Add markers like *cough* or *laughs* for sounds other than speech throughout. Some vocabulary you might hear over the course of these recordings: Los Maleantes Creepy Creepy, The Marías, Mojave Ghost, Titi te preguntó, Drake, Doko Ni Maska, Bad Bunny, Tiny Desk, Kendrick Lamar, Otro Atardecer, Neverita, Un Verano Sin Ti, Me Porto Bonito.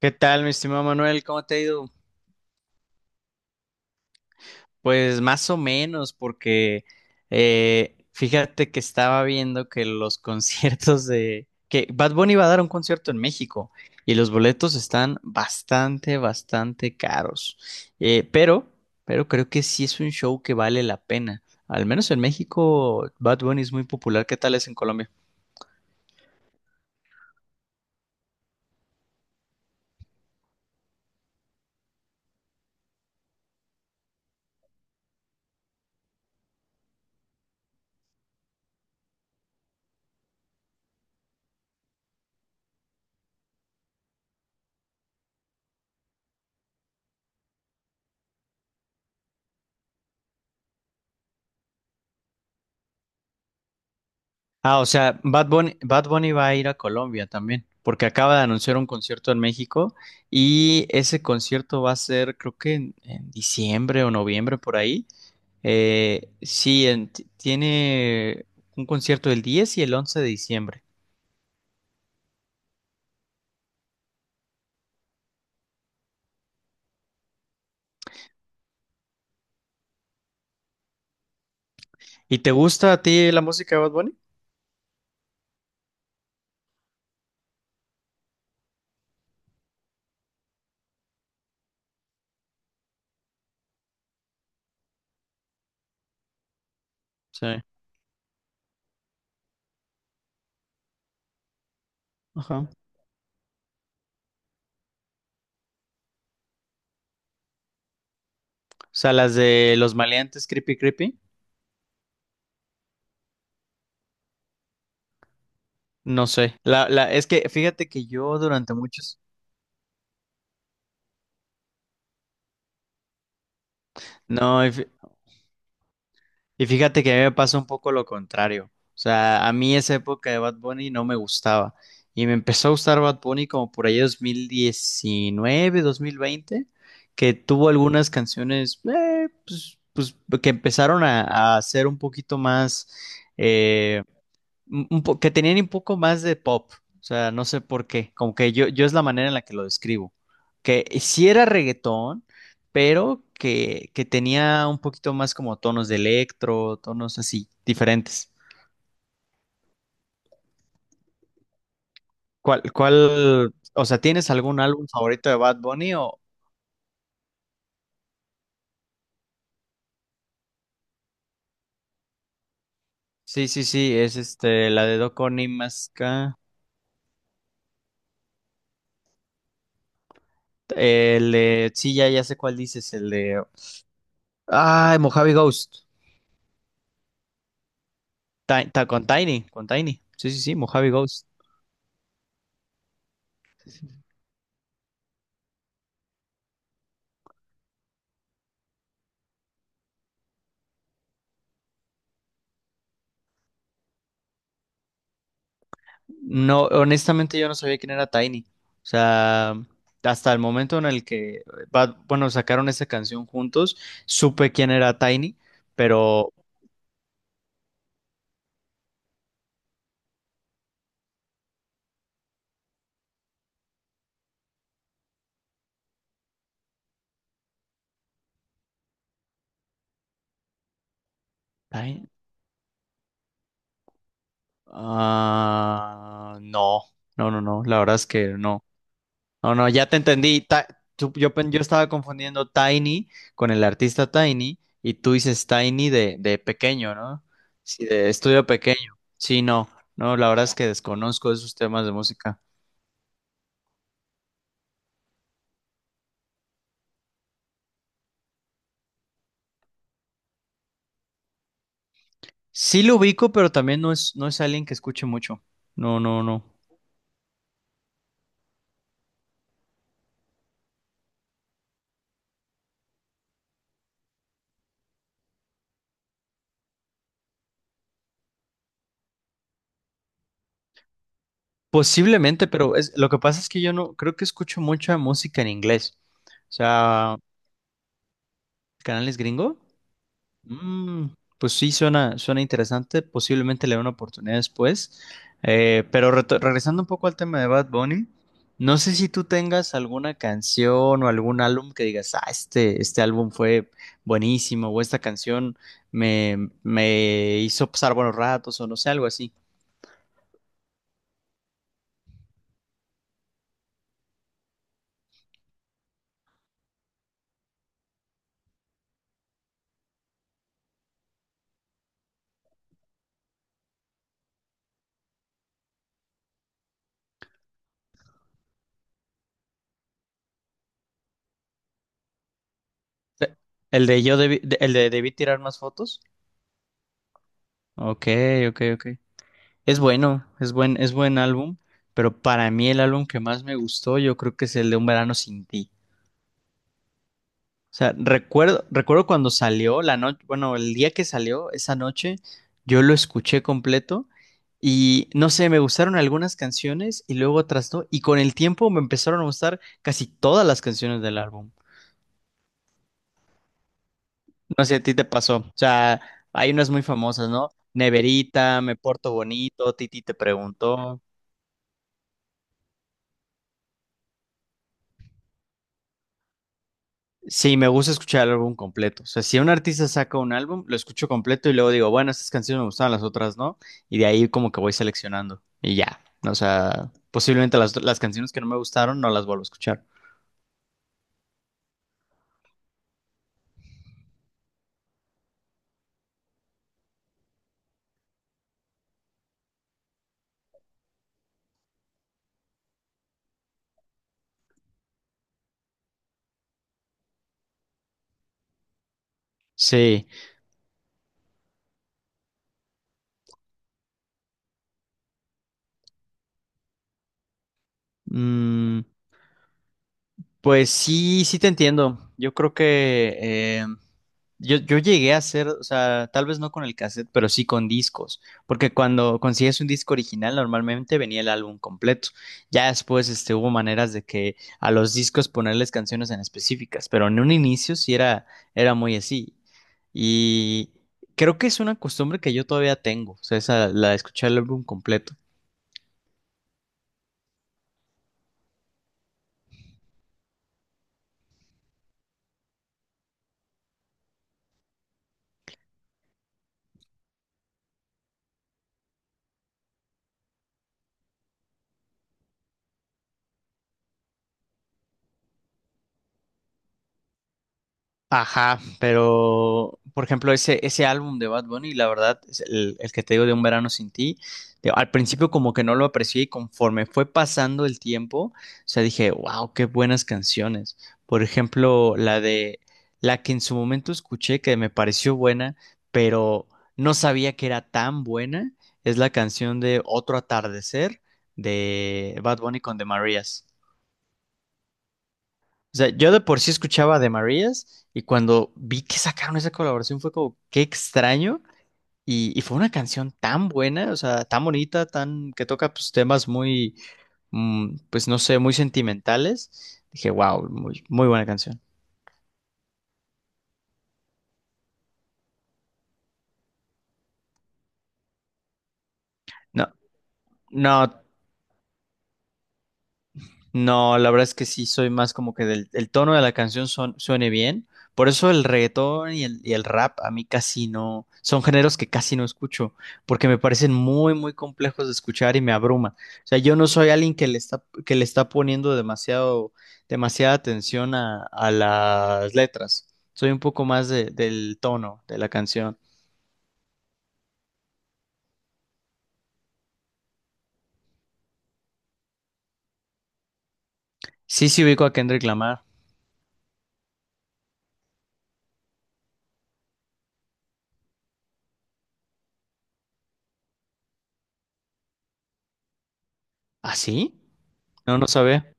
¿Qué tal, mi estimado Manuel? ¿Cómo te ha ido? Pues más o menos, porque fíjate que estaba viendo que los *laughs* conciertos de que Bad Bunny va a dar un concierto en México y los boletos están bastante, bastante caros. Eh, pero, pero creo que sí es un show que vale la pena. Al menos en México, Bad Bunny es muy popular. ¿Qué tal es en Colombia? Ah, o sea, Bad Bunny va a ir a Colombia también, porque acaba de anunciar un concierto en México y ese concierto va a ser, creo que en diciembre o noviembre por ahí. Sí, tiene un concierto el 10 y el 11 de diciembre. ¿Y te gusta a ti la música de Bad Bunny? Sí. Ajá. O sea, las de Los Maleantes Creepy Creepy. No sé. Es que fíjate que yo durante muchos... No. Y fíjate que a mí me pasa un poco lo contrario. O sea, a mí esa época de Bad Bunny no me gustaba. Y me empezó a gustar Bad Bunny como por ahí 2019, 2020, que tuvo algunas canciones que empezaron a ser un poquito más, eh, que tenían un poco más de pop. O sea, no sé por qué. Como que yo es la manera en la que lo describo. Que sí era reggaetón, pero que tenía un poquito más como tonos de electro, tonos así, diferentes. O sea, tienes algún álbum favorito de Bad Bunny o? Sí, sí, sí, es este, la de Doko Ni Maska. El de, sí, ya, ya sé cuál dices, el de, ah, Mojave Ghost. Con Tiny. Sí, sí, sí, Mojave Ghost. No, honestamente yo no sabía quién era Tiny. O sea, hasta el momento en el que bueno, sacaron esa canción juntos, supe quién era Tiny, pero... Tiny- Ah, no, no, no, no, la verdad es que no. No, no, ya te entendí. Yo, yo estaba confundiendo Tiny con el artista Tiny y tú dices Tiny de pequeño, ¿no? Sí, de estudio pequeño. Sí, no, no, la verdad es que desconozco esos temas de música. Sí lo ubico, pero también no es alguien que escuche mucho. No, no, no. Posiblemente, pero es, lo que pasa es que yo no creo que escucho mucha música en inglés. O sea, canales gringo. Mm, pues sí, suena, suena interesante. Posiblemente le dé una oportunidad después. Regresando un poco al tema de Bad Bunny, no sé si tú tengas alguna canción o algún álbum que digas, ah, este álbum fue buenísimo o esta canción me hizo pasar buenos ratos o no sé, algo así. Pe- El de yo debí, el de debí tirar más fotos. Ok, ok, ok. Es bueno, es buen álbum. Pero para mí el álbum que más me gustó, yo creo que es el de Un Verano Sin Ti. O sea, recuerdo cuando salió la noche, bueno, el día que salió, esa noche, yo lo escuché completo y no sé, me gustaron algunas canciones y luego otras no, y con el tiempo me empezaron a gustar casi todas las canciones del álbum. No sé, a ti te pasó. O sea, hay unas muy famosas, ¿no? Neverita, Me Porto Bonito, Titi te preguntó. Sí, me gusta escuchar el álbum completo. O sea, si un artista saca un álbum, lo escucho completo y luego digo, bueno, estas canciones me gustaban, las otras no. Y de ahí como que voy seleccionando. Y ya. O sea, posiblemente las canciones que no me gustaron no las vuelvo a escuchar. Sí. Mm, pues sí, sí te entiendo. Yo creo que yo, yo llegué a hacer, o sea, tal vez no con el cassette, pero sí con discos, porque cuando consigues un disco original normalmente venía el álbum completo. Ya después este, hubo maneras de que a los discos ponerles canciones en específicas, pero en un inicio sí era muy así. Y creo que es una costumbre que yo todavía tengo, o sea, esa, la de escuchar el álbum completo. Ajá, pero por ejemplo, ese álbum de Bad Bunny, la verdad, es el que te digo de Un Verano Sin Ti, al principio como que no lo aprecié y conforme fue pasando el tiempo, o sea, dije, wow, qué buenas canciones. Por ejemplo, la que en su momento escuché que me pareció buena, pero no sabía que era tan buena, es la canción de Otro Atardecer de Bad Bunny con The Marías. O sea, yo de por sí escuchaba de Marías y cuando vi que sacaron esa colaboración fue como, qué extraño. Y fue una canción tan buena, o sea, tan bonita, tan que toca pues, temas muy, mm, pues no sé, muy sentimentales. Dije, wow, muy, muy buena canción. No, no, no, la verdad es que sí, soy más como que del el tono de la canción suene bien. Por eso el reggaetón y el rap a mí casi no, son géneros que casi no escucho, porque me parecen muy, muy complejos de escuchar y me abruma. O sea, yo no soy alguien que que le está poniendo demasiada atención a las letras. Soy un poco más del tono de la canción. Sí, sí ubico a Kendrick Lamar. ¿Ah, sí? No, no sabía.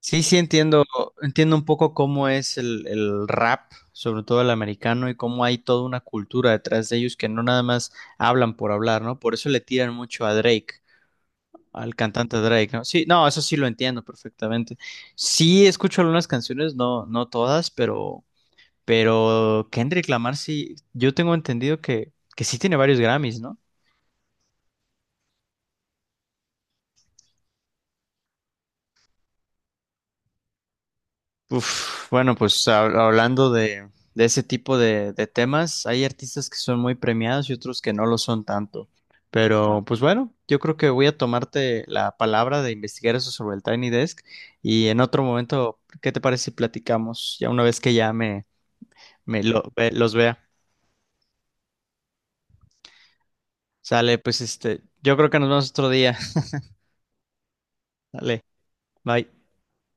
Sí, sí entiendo, entiendo un poco cómo es el rap, sobre todo el americano, y cómo hay toda una cultura detrás de ellos que no nada más hablan por hablar, ¿no? Por eso le tiran mucho a Drake, al cantante Drake, ¿no? Sí, no, eso sí lo entiendo perfectamente. Sí escucho algunas canciones, no, no todas, pero Kendrick Lamar sí, yo tengo entendido que sí tiene varios Grammys, ¿no? Uf, bueno, pues hablando de ese tipo de temas, hay artistas que son muy premiados y otros que no lo son tanto. Pero pues bueno, yo creo que voy a tomarte la palabra de investigar eso sobre el Tiny Desk y en otro momento, ¿qué te parece si platicamos ya una vez que ya los vea? Sale, pues este, yo creo que nos vemos otro día. *laughs* Dale, bye.